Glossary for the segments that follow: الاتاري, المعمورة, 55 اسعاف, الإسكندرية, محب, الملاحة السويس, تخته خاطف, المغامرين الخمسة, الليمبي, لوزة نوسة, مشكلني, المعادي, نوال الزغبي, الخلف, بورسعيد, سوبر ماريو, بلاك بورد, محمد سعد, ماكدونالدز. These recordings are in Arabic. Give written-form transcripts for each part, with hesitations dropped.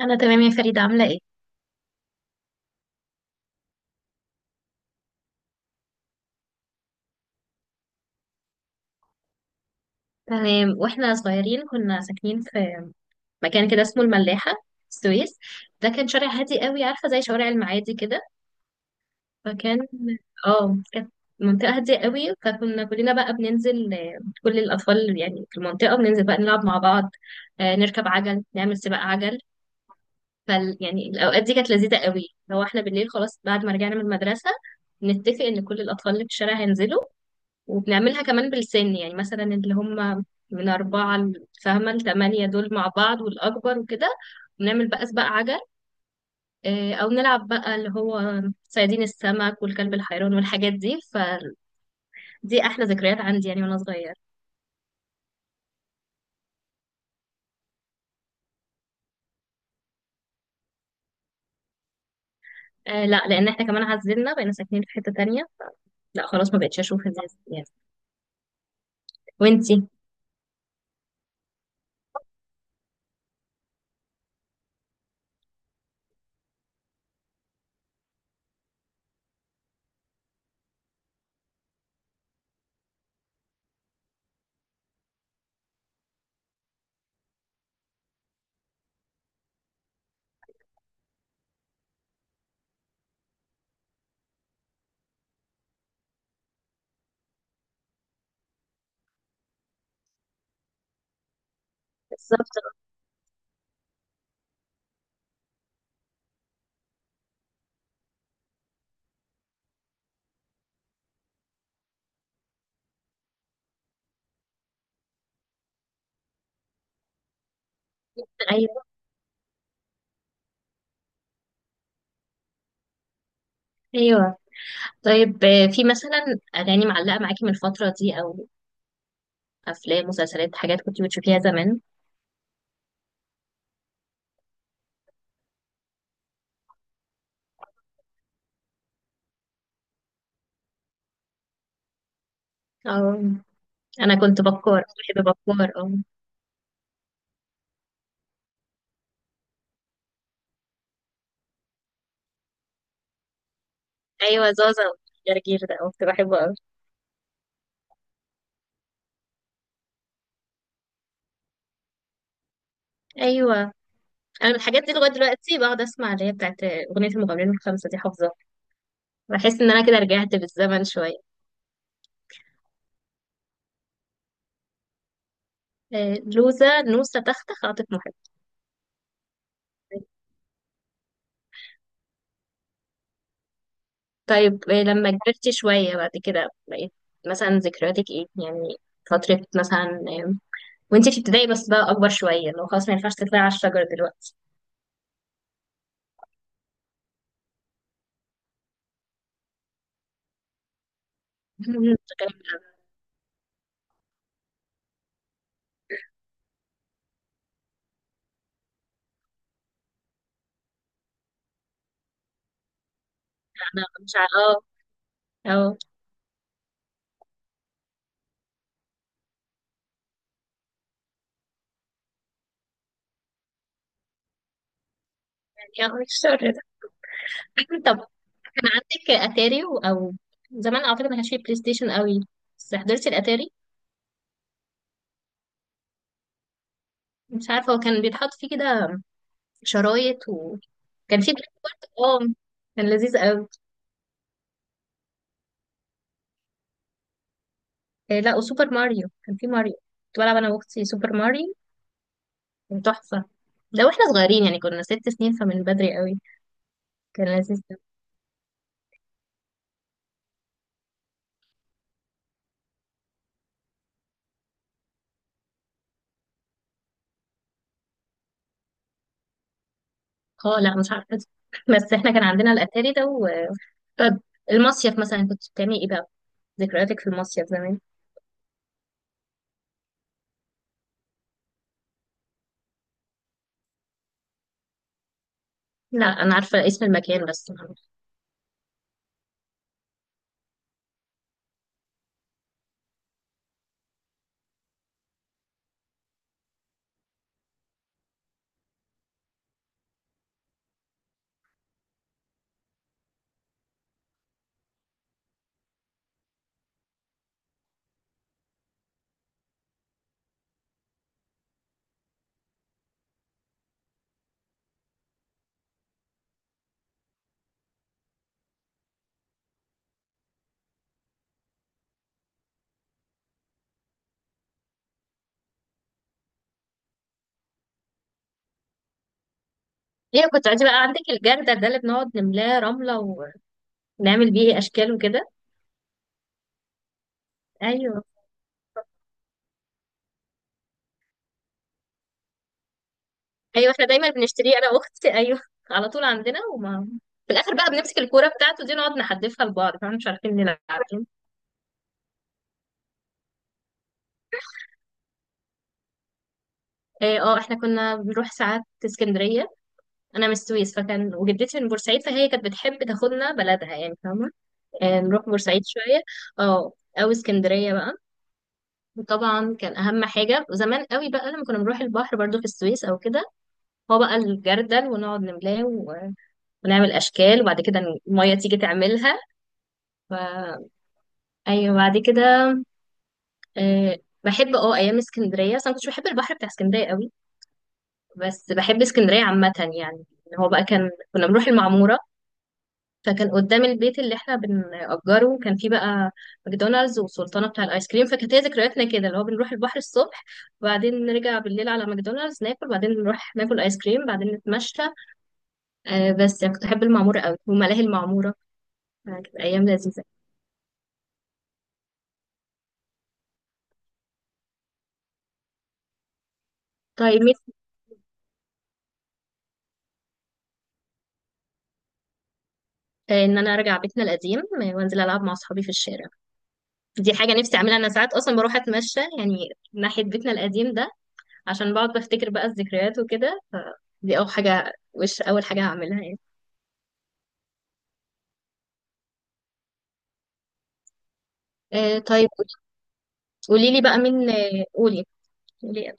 انا تمام يا فريدة، عاملة ايه؟ تمام. واحنا صغيرين كنا ساكنين في مكان كده اسمه الملاحة، السويس. ده كان شارع هادي قوي، عارفة زي شوارع المعادي كده. فكان اه كانت منطقة هادية قوي. فكنا كلنا بقى بننزل، كل الأطفال يعني في المنطقة بننزل بقى نلعب مع بعض. نركب عجل، نعمل سباق عجل. يعني الأوقات دي كانت لذيذة قوي. لو احنا بالليل خلاص بعد ما رجعنا من المدرسة نتفق إن كل الأطفال اللي في الشارع هينزلوا، وبنعملها كمان بالسن، يعني مثلا اللي هم من أربعة فاهمة، لتمانية دول مع بعض، والأكبر وكده. ونعمل بقى سباق عجل. أو نلعب بقى اللي هو صيادين السمك والكلب الحيران والحاجات دي. فدي أحلى ذكريات عندي، يعني وأنا صغير. آه لا، لأن احنا كمان عزلنا، بقينا ساكنين في حتة تانية. لا خلاص، ما بقتش أشوف الناس يعني. وانتي؟ بالظبط. أيوه. أيوه. طيب، في مثلا أغاني معلقة معاكي من الفترة دي، أو أفلام، مسلسلات، حاجات كنت بتشوفيها زمان؟ اه، انا كنت بكار. بحب بكار، اه. ايوه، زازا. والجرجير ده كنت بحبه قوي. ايوه. انا من الحاجات دي لغايه دلوقتي بقعد اسمع اللي هي بتاعت اغنيه المغامرين الخمسه دي، حافظاها. بحس ان انا كده رجعت بالزمن شويه. لوزه، نوسه، تخته، خاطف، محب. طيب، لما كبرت شويه بعد كده بقيت مثلا ذكرياتك ايه يعني؟ فتره مثلا، وانتي في ابتدائي بس، بقى اكبر شويه لو خلاص ما ينفعش تطلعي على الشجر دلوقتي. انا مش اه، اه. يعني اه، الشر ده. طب، كان عندك اتاري او زمان، اعتقد ما كانش فيه بلاي ستيشن قوي بس حضرتي الاتاري. مش عارفه هو كان بيتحط فيه كده شرايط، وكان فيه بلاك بورد، اه. كان لذيذ قوي. إيه لا، وسوبر ماريو، كان فيه ماريو، كنت بلعب انا واختي سوبر ماريو، كان تحفه. ده واحنا صغيرين يعني، كنا 6 سنين، فمن بدري قوي. كان لذيذ ده. اه لا، مش عارفه. بس احنا كان عندنا الاتاري ده و... طب، المصيف مثلا كنت بتعملي ايه بقى؟ ذكرياتك في المصيف زمان. لا انا عارفه اسم المكان بس. هي كنت عايزة بقى عندك الجردل ده اللي بنقعد نملاه رملة ونعمل بيه أشكال وكده. أيوه. أيوه، احنا دايما بنشتريه أنا وأختي أيوه. على طول عندنا، وما في الآخر بقى بنمسك الكورة بتاعته دي، نقعد نحدفها لبعض، فاحنا مش عارفين نلعب. فاهم؟ اه، احنا كنا بنروح ساعات اسكندرية. أنا من السويس، فكان وجدتي من بورسعيد، فهي كانت بتحب تاخدنا بلدها، يعني فاهمة. نروح بورسعيد شوية، اه، أو اسكندرية بقى. وطبعا كان أهم حاجة، وزمان قوي بقى لما كنا بنروح البحر برضو في السويس أو كده، هو بقى الجردل، ونقعد نملاه ونعمل اشكال، وبعد كده الميه تيجي تعملها. ف... ايوه، بعد كده، آه، بحب اه ايام اسكندريه. بس انا كنتش بحب البحر بتاع اسكندريه قوي، بس بحب اسكندريه عامه يعني. إن هو بقى كان كنا بنروح المعموره، فكان قدام البيت اللي احنا بنأجره كان فيه بقى ماكدونالدز وسلطانه بتاع الايس كريم، فكانت هي ذكرياتنا كده اللي هو بنروح البحر الصبح، وبعدين نرجع بالليل على ماكدونالدز ناكل، بعدين نروح ناكل ايس كريم، بعدين نتمشى. بس يعني كنت بحب المعموره قوي وملاهي المعموره. كانت أيام لذيذة. طيب نفسي، إن أنا أرجع بيتنا القديم، وأنزل ألعب مع أصحابي في الشارع. دي حاجة نفسي أعملها. أنا ساعات أصلا بروح أتمشى يعني ناحية بيتنا القديم ده، عشان بقعد بفتكر بقى الذكريات وكده. فدي أول حاجة، وش أول حاجة هعملها يعني. آه طيب. قولي لي بقى مين، قولي، قولي.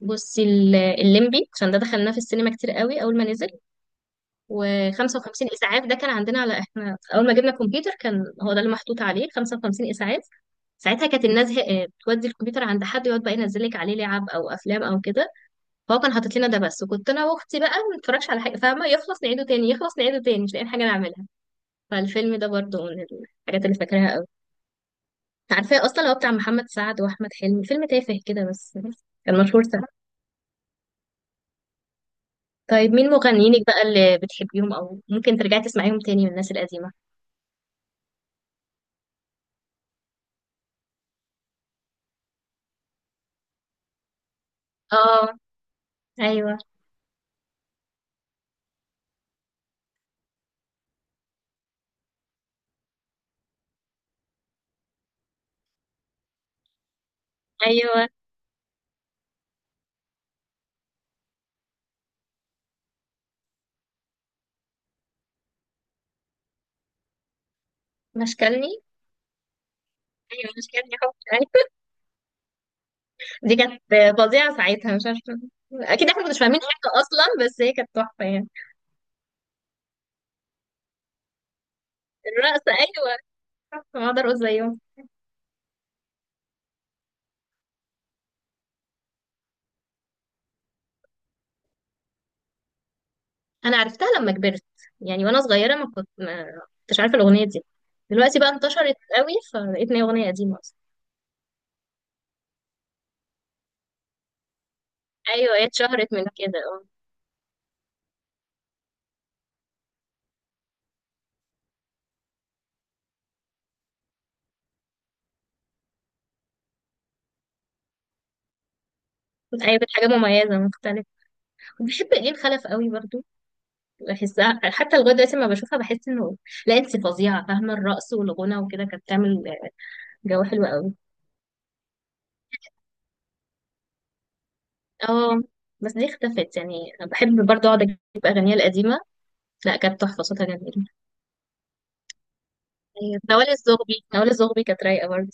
بصي الليمبي، عشان ده دخلناه في السينما كتير قوي أول ما نزل. و55 اسعاف، ده كان عندنا على احنا اول ما جبنا كمبيوتر، كان هو ده اللي محطوط عليه 55 اسعاف. ساعتها كانت الناس بتودي الكمبيوتر عند حد يقعد بقى ينزل لك عليه لعب او افلام او كده. فهو كان حاطط لنا ده بس، وكنت انا واختي بقى ما بنتفرجش على حاجه، فاهمه؟ يخلص نعيده تاني، يخلص نعيده تاني، مش لاقيين حاجه نعملها. فالفيلم ده برضه من الحاجات اللي فاكراها قوي. عارفاه اصلا هو بتاع محمد سعد واحمد حلمي، فيلم تافه كده بس كان مشهور سنة. طيب، مين مغنيينك بقى اللي بتحبيهم، او ممكن ترجعي تسمعيهم تاني، من الناس القديمه؟ اه. ايوه. ايوه، مشكلني. ايوه، مشكلني حب، أيوة. دي كانت فظيعه ساعتها، مش عارفه. اكيد احنا كناش فاهمين حاجه اصلا، بس هي كانت تحفه يعني. الرقص، ايوه. تحفه، ما اقدر اقول زيهم. انا عرفتها لما كبرت، يعني وانا صغيره ما كنتش عارفه الاغنيه دي. دلوقتي بقى انتشرت قوي، فلقيت ان هي اغنيه قديمه اصلا. ايوه، هي اتشهرت من كده، اه. ايوه، كانت حاجه مميزه، مختلفه. بحب ايه الخلف قوي برضو. بحسها حتى لغايه دلوقتي لما بشوفها، بحس انه لا انت فظيعه، فاهمه؟ الرقص والغنى وكده كانت بتعمل جو حلو قوي. اه، بس دي اختفت يعني. أنا بحب برضه اقعد اجيب اغانيها القديمة. لا كانت تحفة، صوتها جميل. أيوة، نوال الزغبي، نوال الزغبي كانت رايقة برضه.